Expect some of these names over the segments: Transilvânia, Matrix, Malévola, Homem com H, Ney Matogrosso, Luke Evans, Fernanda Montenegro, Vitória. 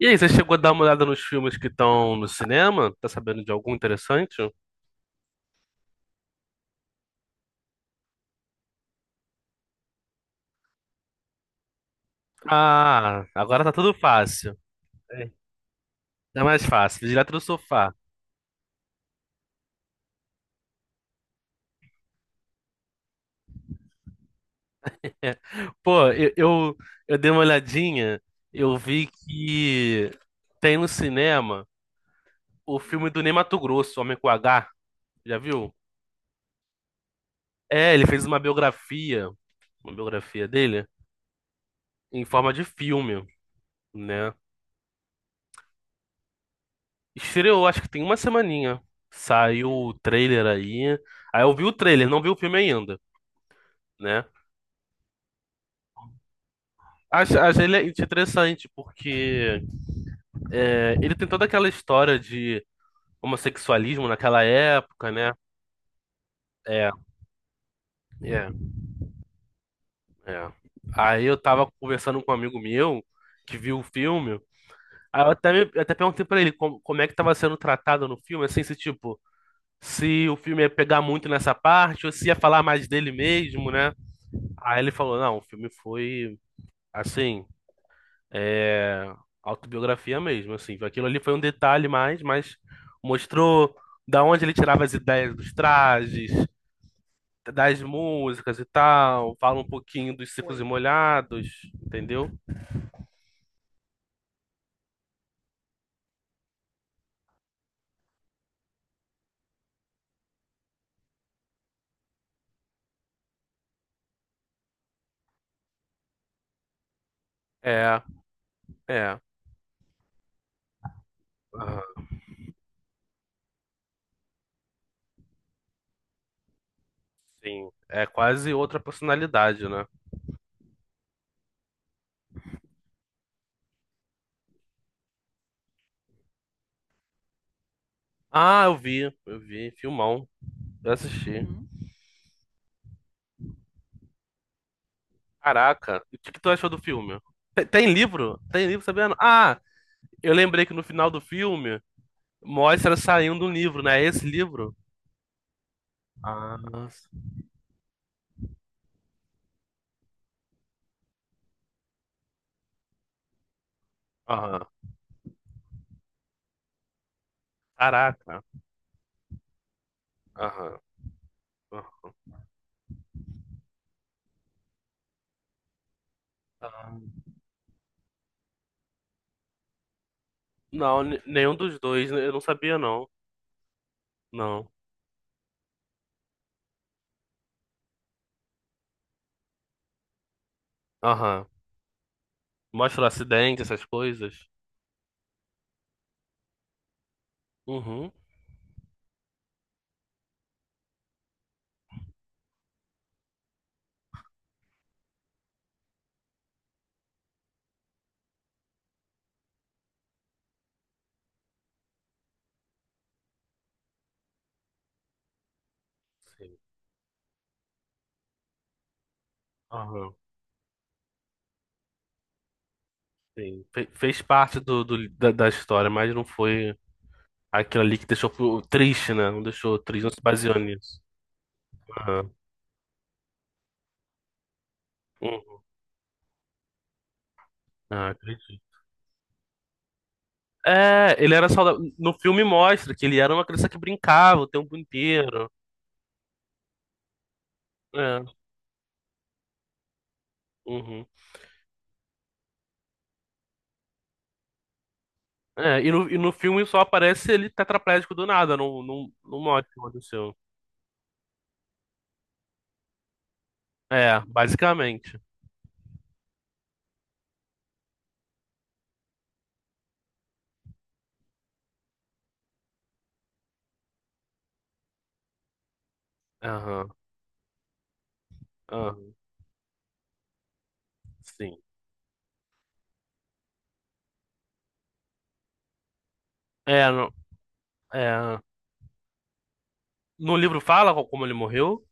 E aí, você chegou a dar uma olhada nos filmes que estão no cinema? Tá sabendo de algum interessante? Ah, agora tá tudo fácil. É, tá mais fácil, direto do sofá. É. Pô, eu dei uma olhadinha, eu vi que tem no cinema o filme do Ney Matogrosso, Homem com H, já viu? É, ele fez uma biografia dele, em forma de filme, né? Estreou, acho que tem uma semaninha. Saiu o trailer aí. Aí eu vi o trailer, não vi o filme ainda, né? Acho, acho ele interessante porque ele tem toda aquela história de homossexualismo naquela época, né? É, é, é. Aí eu tava conversando com um amigo meu que viu o filme. Aí eu até, eu até perguntei pra ele como, como é que tava sendo tratado no filme, assim, se tipo, se o filme ia pegar muito nessa parte ou se ia falar mais dele mesmo, né? Aí ele falou, não, o filme foi assim, é, autobiografia mesmo, assim, aquilo ali foi um detalhe mais, mas mostrou da onde ele tirava as ideias dos trajes, das músicas e tal, fala um pouquinho dos secos e Foi. Molhados, entendeu? É, é, aham, sim, é quase outra personalidade, né? Ah, eu vi, filmão, eu assisti. Uhum. Caraca, e o que que tu achou do filme? Tem, tem livro? Tem livro, sabendo? Ah, eu lembrei que no final do filme mostra saindo um livro, né? Esse livro? Ah, aham. Caraca. Aham. Aham. Não, nenhum dos dois. Né? Eu não sabia, não. Não. Aham. Mostra o acidente, essas coisas. Uhum. Sim. Aham. Sim. Fez parte do, da, da história, mas não foi aquilo ali que deixou triste, né? Não deixou triste, não se baseou nisso. Aham. Uhum. Ah, acredito. É, ele era saudável. No filme mostra que ele era uma criança que brincava o tempo inteiro. É, uhum. É, e no filme só aparece ele tetraplégico do nada, não, não, não mostra o que aconteceu. É, basicamente. Aham, aham, sim. É, no, é, no livro fala como ele morreu?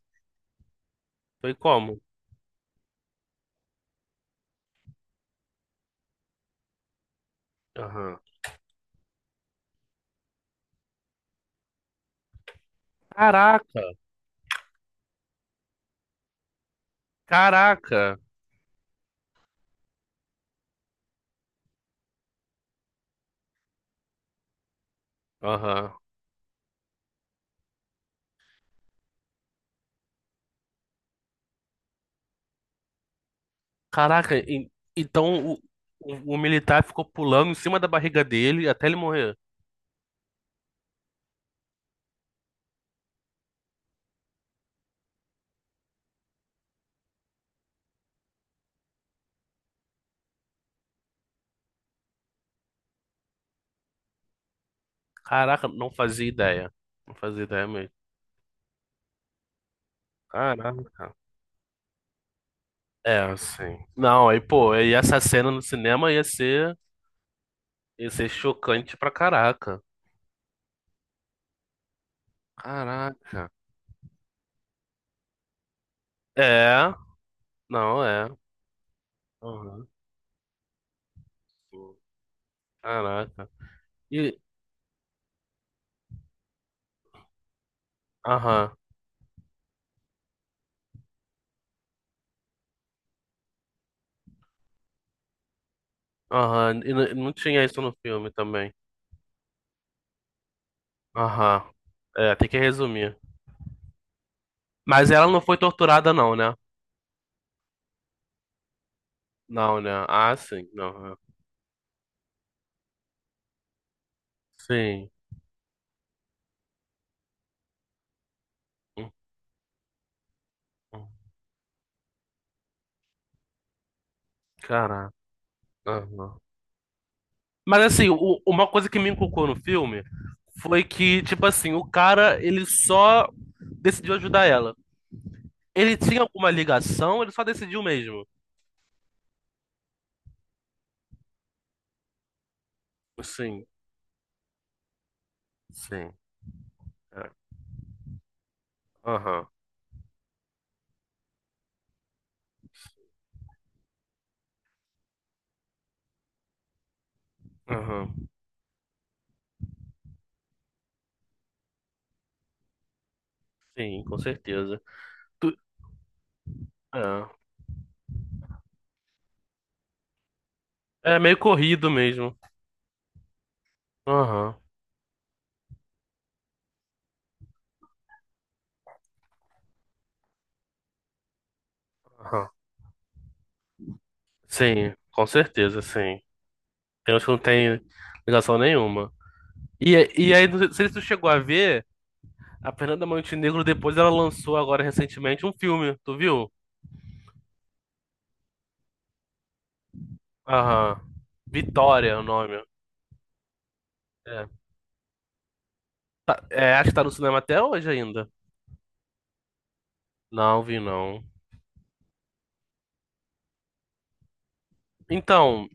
Foi como? Aham. Caraca, caraca. Aham. Caraca, e- então o militar ficou pulando em cima da barriga dele até ele morrer. Caraca, não fazia ideia. Não fazia ideia mesmo. Caraca. É, assim. Não, aí, pô, aí essa cena no cinema ia ser chocante pra caraca. Caraca. É, não, é. Aham. Caraca. E, aham, aham. E não tinha isso no filme também. Aham. É, tem que resumir. Mas ela não foi torturada, não, né? Não, né? Ah, sim. Não, é. Sim. Uhum. Caraca. Mas assim, o- uma coisa que me inculcou no filme foi que, tipo assim, o cara, ele só decidiu ajudar ela. Ele tinha alguma ligação, ele só decidiu mesmo. Sim, sim, é. Aham, aham. Sim, com certeza. Tu- é. É meio corrido mesmo. Aham, aham. Sim, com certeza, sim. Tem uns que não tem ligação nenhuma. E, e aí, não sei se tu chegou a ver, a Fernanda Montenegro depois ela lançou agora recentemente um filme, tu viu? Aham. Vitória é o nome. É. Tá- é, acho que tá no cinema até hoje ainda. Não vi, não. Então,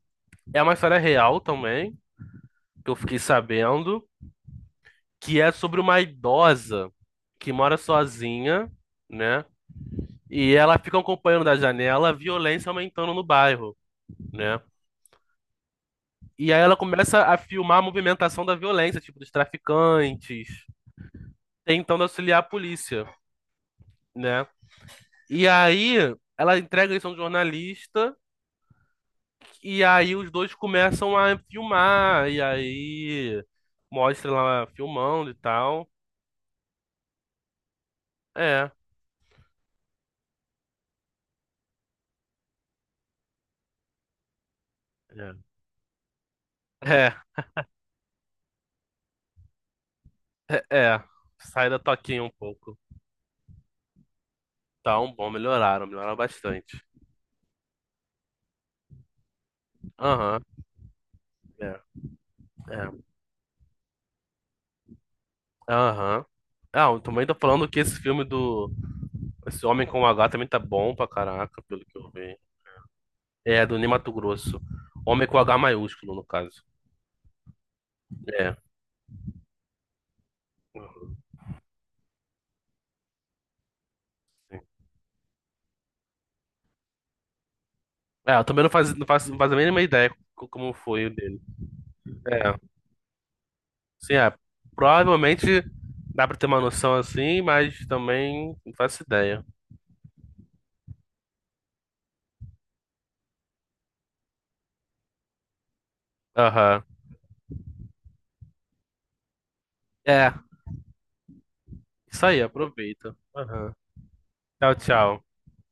é uma história real também, que eu fiquei sabendo, que é sobre uma idosa que mora sozinha, né? E ela fica acompanhando da janela a violência aumentando no bairro, né? E aí ela começa a filmar a movimentação da violência, tipo, dos traficantes, tentando auxiliar a polícia, né? E aí ela entrega isso a um jornalista. E aí os dois começam a filmar, e aí mostra lá filmando e tal. É, é, é, é, é. Sai da toquinha um pouco. Tá um bom, melhoraram, melhoraram bastante. Aham, é, é, aham. Ah, eu também tô falando que esse filme do... Esse Homem com H também tá bom pra caraca, pelo que eu vi. É, do Ney Matogrosso. Homem com H maiúsculo, no caso. É, é, eu também não faço a mínima ideia como foi o dele. É. Sim, é. Provavelmente dá pra ter uma noção assim, mas também não faço ideia. Aham. É, isso aí, aproveita. Aham. Tchau, tchau.